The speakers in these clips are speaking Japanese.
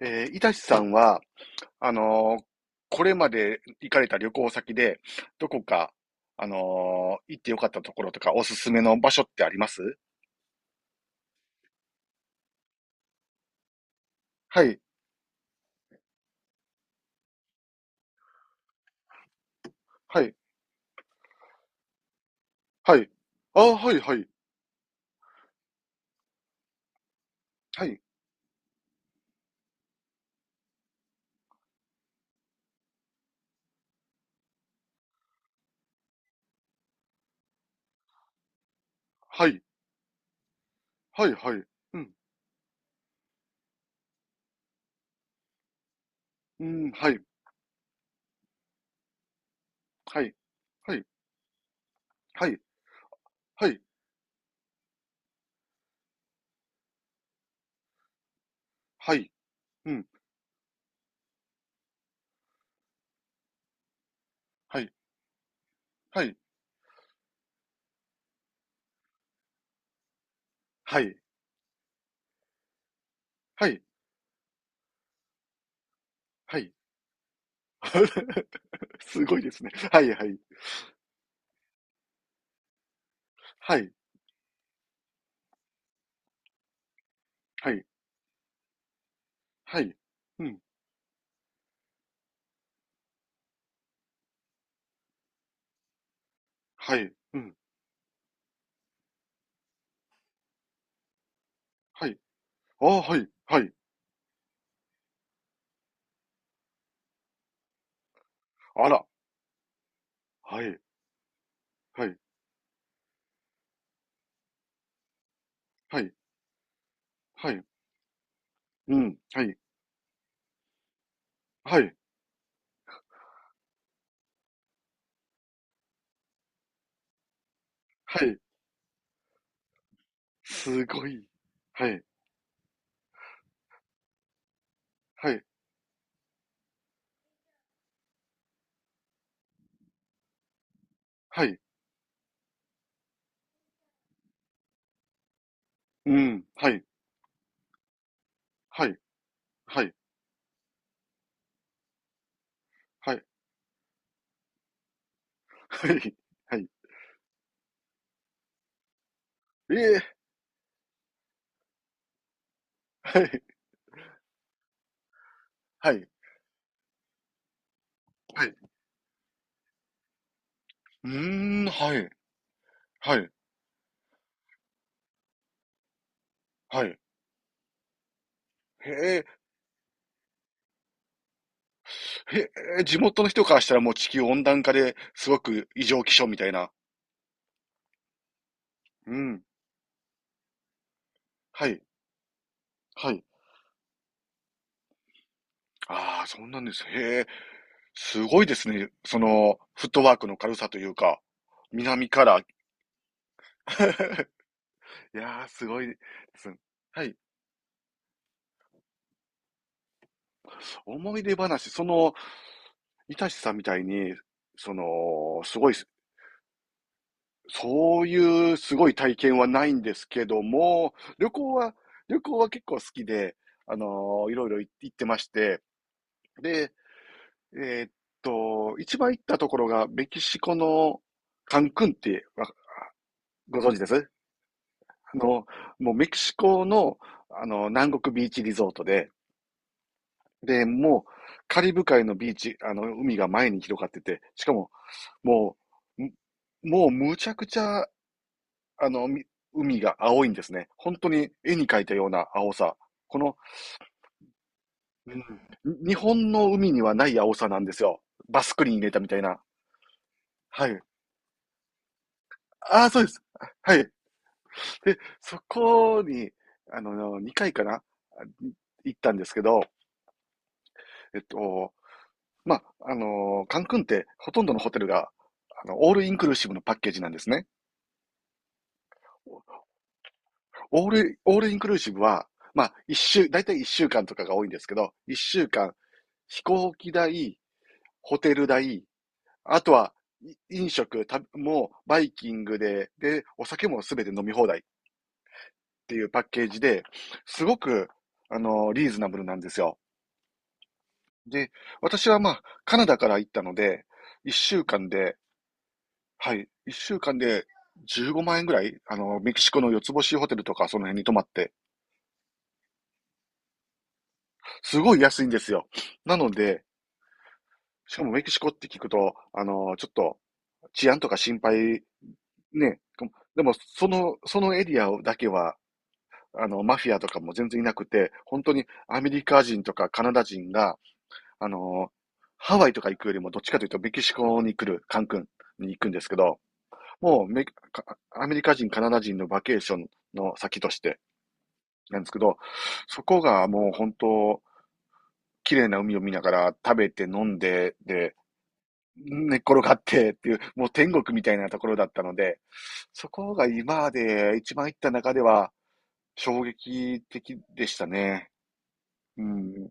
いたしさんは、あのーこれまで行かれた旅行先で、どこか、行ってよかったところとか、おすすめの場所ってあります？はい、はい、はい。ああ、はい、はい、はい、はい、はい、はい。うん、うん、はい、はい、はい、はい、はい、はい、うん、はい、はい、はい、はい、はい。すごいですね。はい、はい、はい、はい、はい、うん、はい、うん、はい。ああ、はい、はい。あら、はい、はい、はい、はい、うん、はい、はい、はい、すごい。はい、はい、はい、うん、はい、はい、はい、はい、はい、はい、ええ、はい、はい、はい、うーん、はい、はい、はい。へえ、へえ、地元の人からしたらもう地球温暖化ですごく異常気象みたいな。うん、はい、はい。ああ、そうなんです。へえ、すごいですね。その、フットワークの軽さというか、南から。いやー、すごいですね。はい。思い出話、その、いたしさんみたいに、その、すごい、そういうすごい体験はないんですけども、旅行は、旅行は結構好きで、あのいろいろ行ってまして、で、えーっ一番行ったところがメキシコのカンクンってご存知です？あの、もうメキシコの、あの、南国ビーチリゾートで、で、もう、カリブ海のビーチ、あの、海が前に広がってて、しかも、もう、むもうむちゃくちゃ、あの、海が青いんですね。本当に絵に描いたような青さ。この、に日本の海にはない青さなんですよ。バスクリーン入れたみたいな。はい。ああ、そうです。はい。で、そこに、あの、2回かな行ったんですけど、えっと、まあ、カンクンってほとんどのホテルが、あの、オールインクルーシブのパッケージなんですね。オールインクルーシブは、まあ、だいたい一週間とかが多いんですけど、一週間、飛行機代、ホテル代、あとは、飲食、もう、バイキングで、で、お酒もすべて飲み放題っていうパッケージで、すごく、リーズナブルなんですよ。で、私はまあ、カナダから行ったので、一週間で、はい。一週間で15万円ぐらい、あの、メキシコの四つ星ホテルとかその辺に泊まって、すごい安いんですよ。なので、しかもメキシコって聞くと、あの、ちょっと治安とか心配、ね、でもその、そのエリアだけは、あの、マフィアとかも全然いなくて、本当にアメリカ人とかカナダ人が、あの、ハワイとか行くよりもどっちかというとメキシコに来る、カンクンに行くんですけど、もうメ、かアメリカ人、カナダ人のバケーションの先として、なんですけど、そこがもう本当、綺麗な海を見ながら食べて飲んで、で、寝っ転がってっていう、もう天国みたいなところだったので、そこが今まで一番行った中では衝撃的でしたね。うん。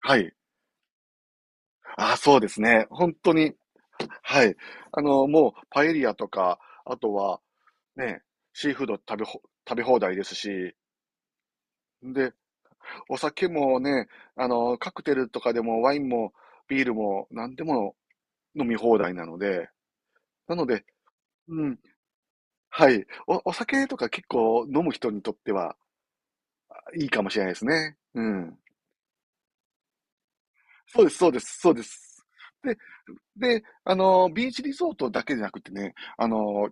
はい。あ、そうですね。本当に。はい。あの、もうパエリアとか、あとはね、シーフード食べ放題ですし、で、お酒もね、あの、カクテルとかでもワインもビールも何でも飲み放題なので、なので、うん、はい。お酒とか結構飲む人にとってはいいかもしれないですね。うん。そうです、そうです、そうです。で、で、あの、ビーチリゾートだけじゃなくてね、あの、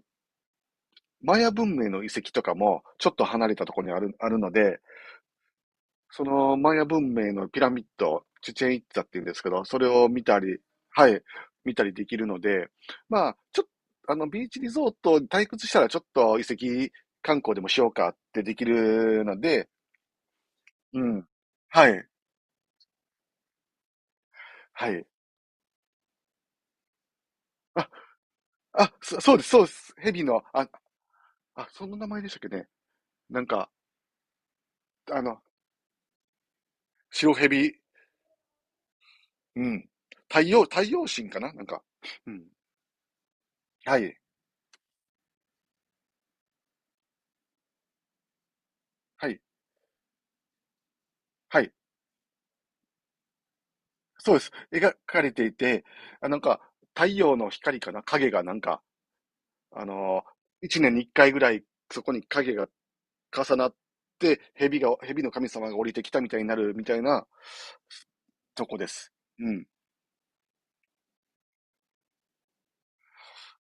マヤ文明の遺跡とかもちょっと離れたところにある、あるので、そのマヤ文明のピラミッド、チュチェンイッツァっていうんですけど、それを見たり、はい、見たりできるので、まあ、ちょっと、あの、ビーチリゾートに退屈したらちょっと遺跡観光でもしようかってできるので、うん。はい、はい。あ、あ、そうです、そうです。ヘビの、あ、あ、その名前でしたっけね。なんか、あの、白ヘビ、うん。太陽、太陽神かななんか、うん。はい、はい、はい。そうです。描かれていて、あ、なんか、太陽の光かな影がなんか、あのー一年に一回ぐらい、そこに影が重なって、蛇が、蛇の神様が降りてきたみたいになるみたいなとこです。うん。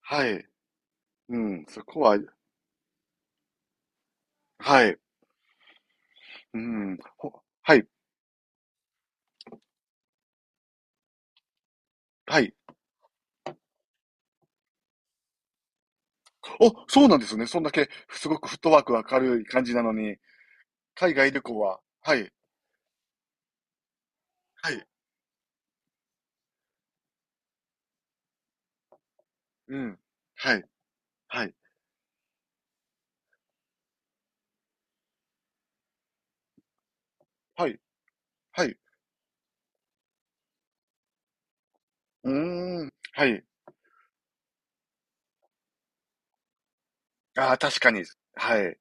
はい。うん。そこは、はい。うん。はい。はい。お、そうなんですね。そんだけ、すごくフットワーク明るい感じなのに、海外旅行は、はい。はい。うん。はい。はい。はい。はい。うーん。はい。ああ、確かに。はい。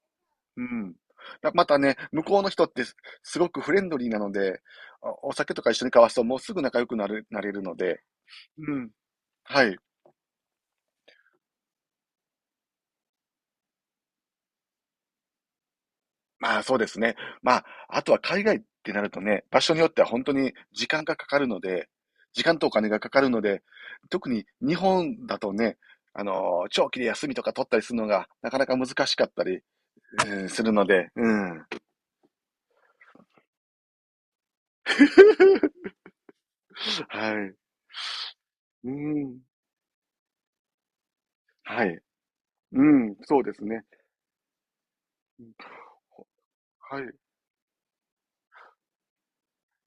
うん。だまたね、向こうの人ってすごくフレンドリーなので、お酒とか一緒に交わすともうすぐ仲良くなれるので、うん。はい。まあそうですね。まあ、あとは海外ってなるとね、場所によっては本当に時間がかかるので、時間とお金がかかるので、特に日本だとね、長期で休みとか取ったりするのがなかなか難しかったり、うんするので、うん。はい。うん。はい。うん、そうですね。はい。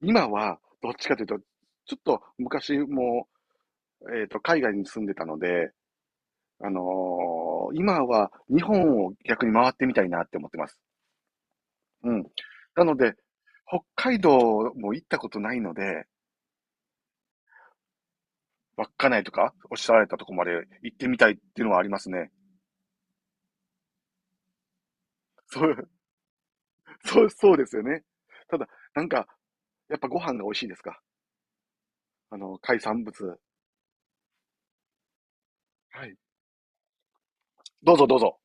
今は、どっちかというと、ちょっと昔も、海外に住んでたので、あのー今は日本を逆に回ってみたいなって思ってます。うん。なので、北海道も行ったことないので、稚内とかおっしゃられたとこまで行ってみたいっていうのはありますね。そう、そう、そうですよね。ただ、なんか、やっぱご飯が美味しいですか？あの、海産物。はい。どうぞどうぞ。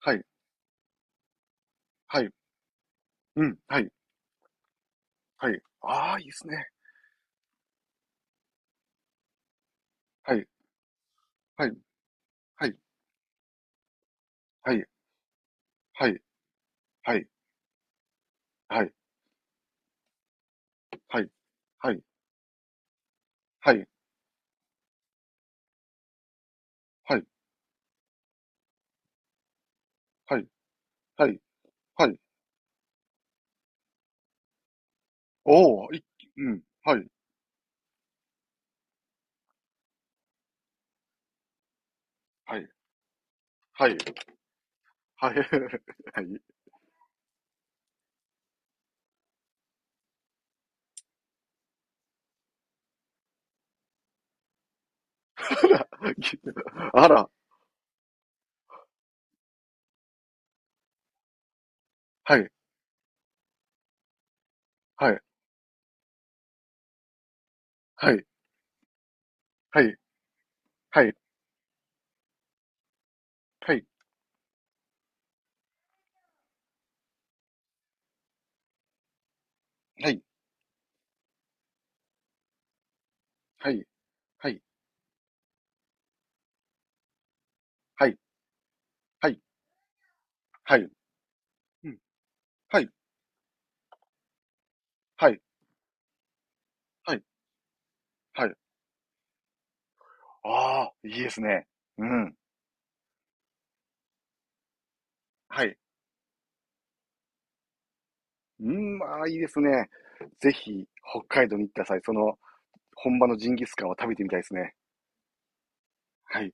はい。はい。うん。はい。はい。ああ、いいですね。はい、はい、はい、はい、はい、はい、はい、はい、はい、はい、はい、はい、はい、はい、おー、い、うん、はい、はい、はい、はい、はい、はい、あら、はい、はい、はい、はい、はい、はい、はい、はい、はい、はい、はい、はい、うん、はい、はい、はい、はい、あー、いいですね。うん、はい、うん、ああいいですね。ぜひ、北海道に行った際、その、本場のジンギスカンを食べてみたいですね。はい。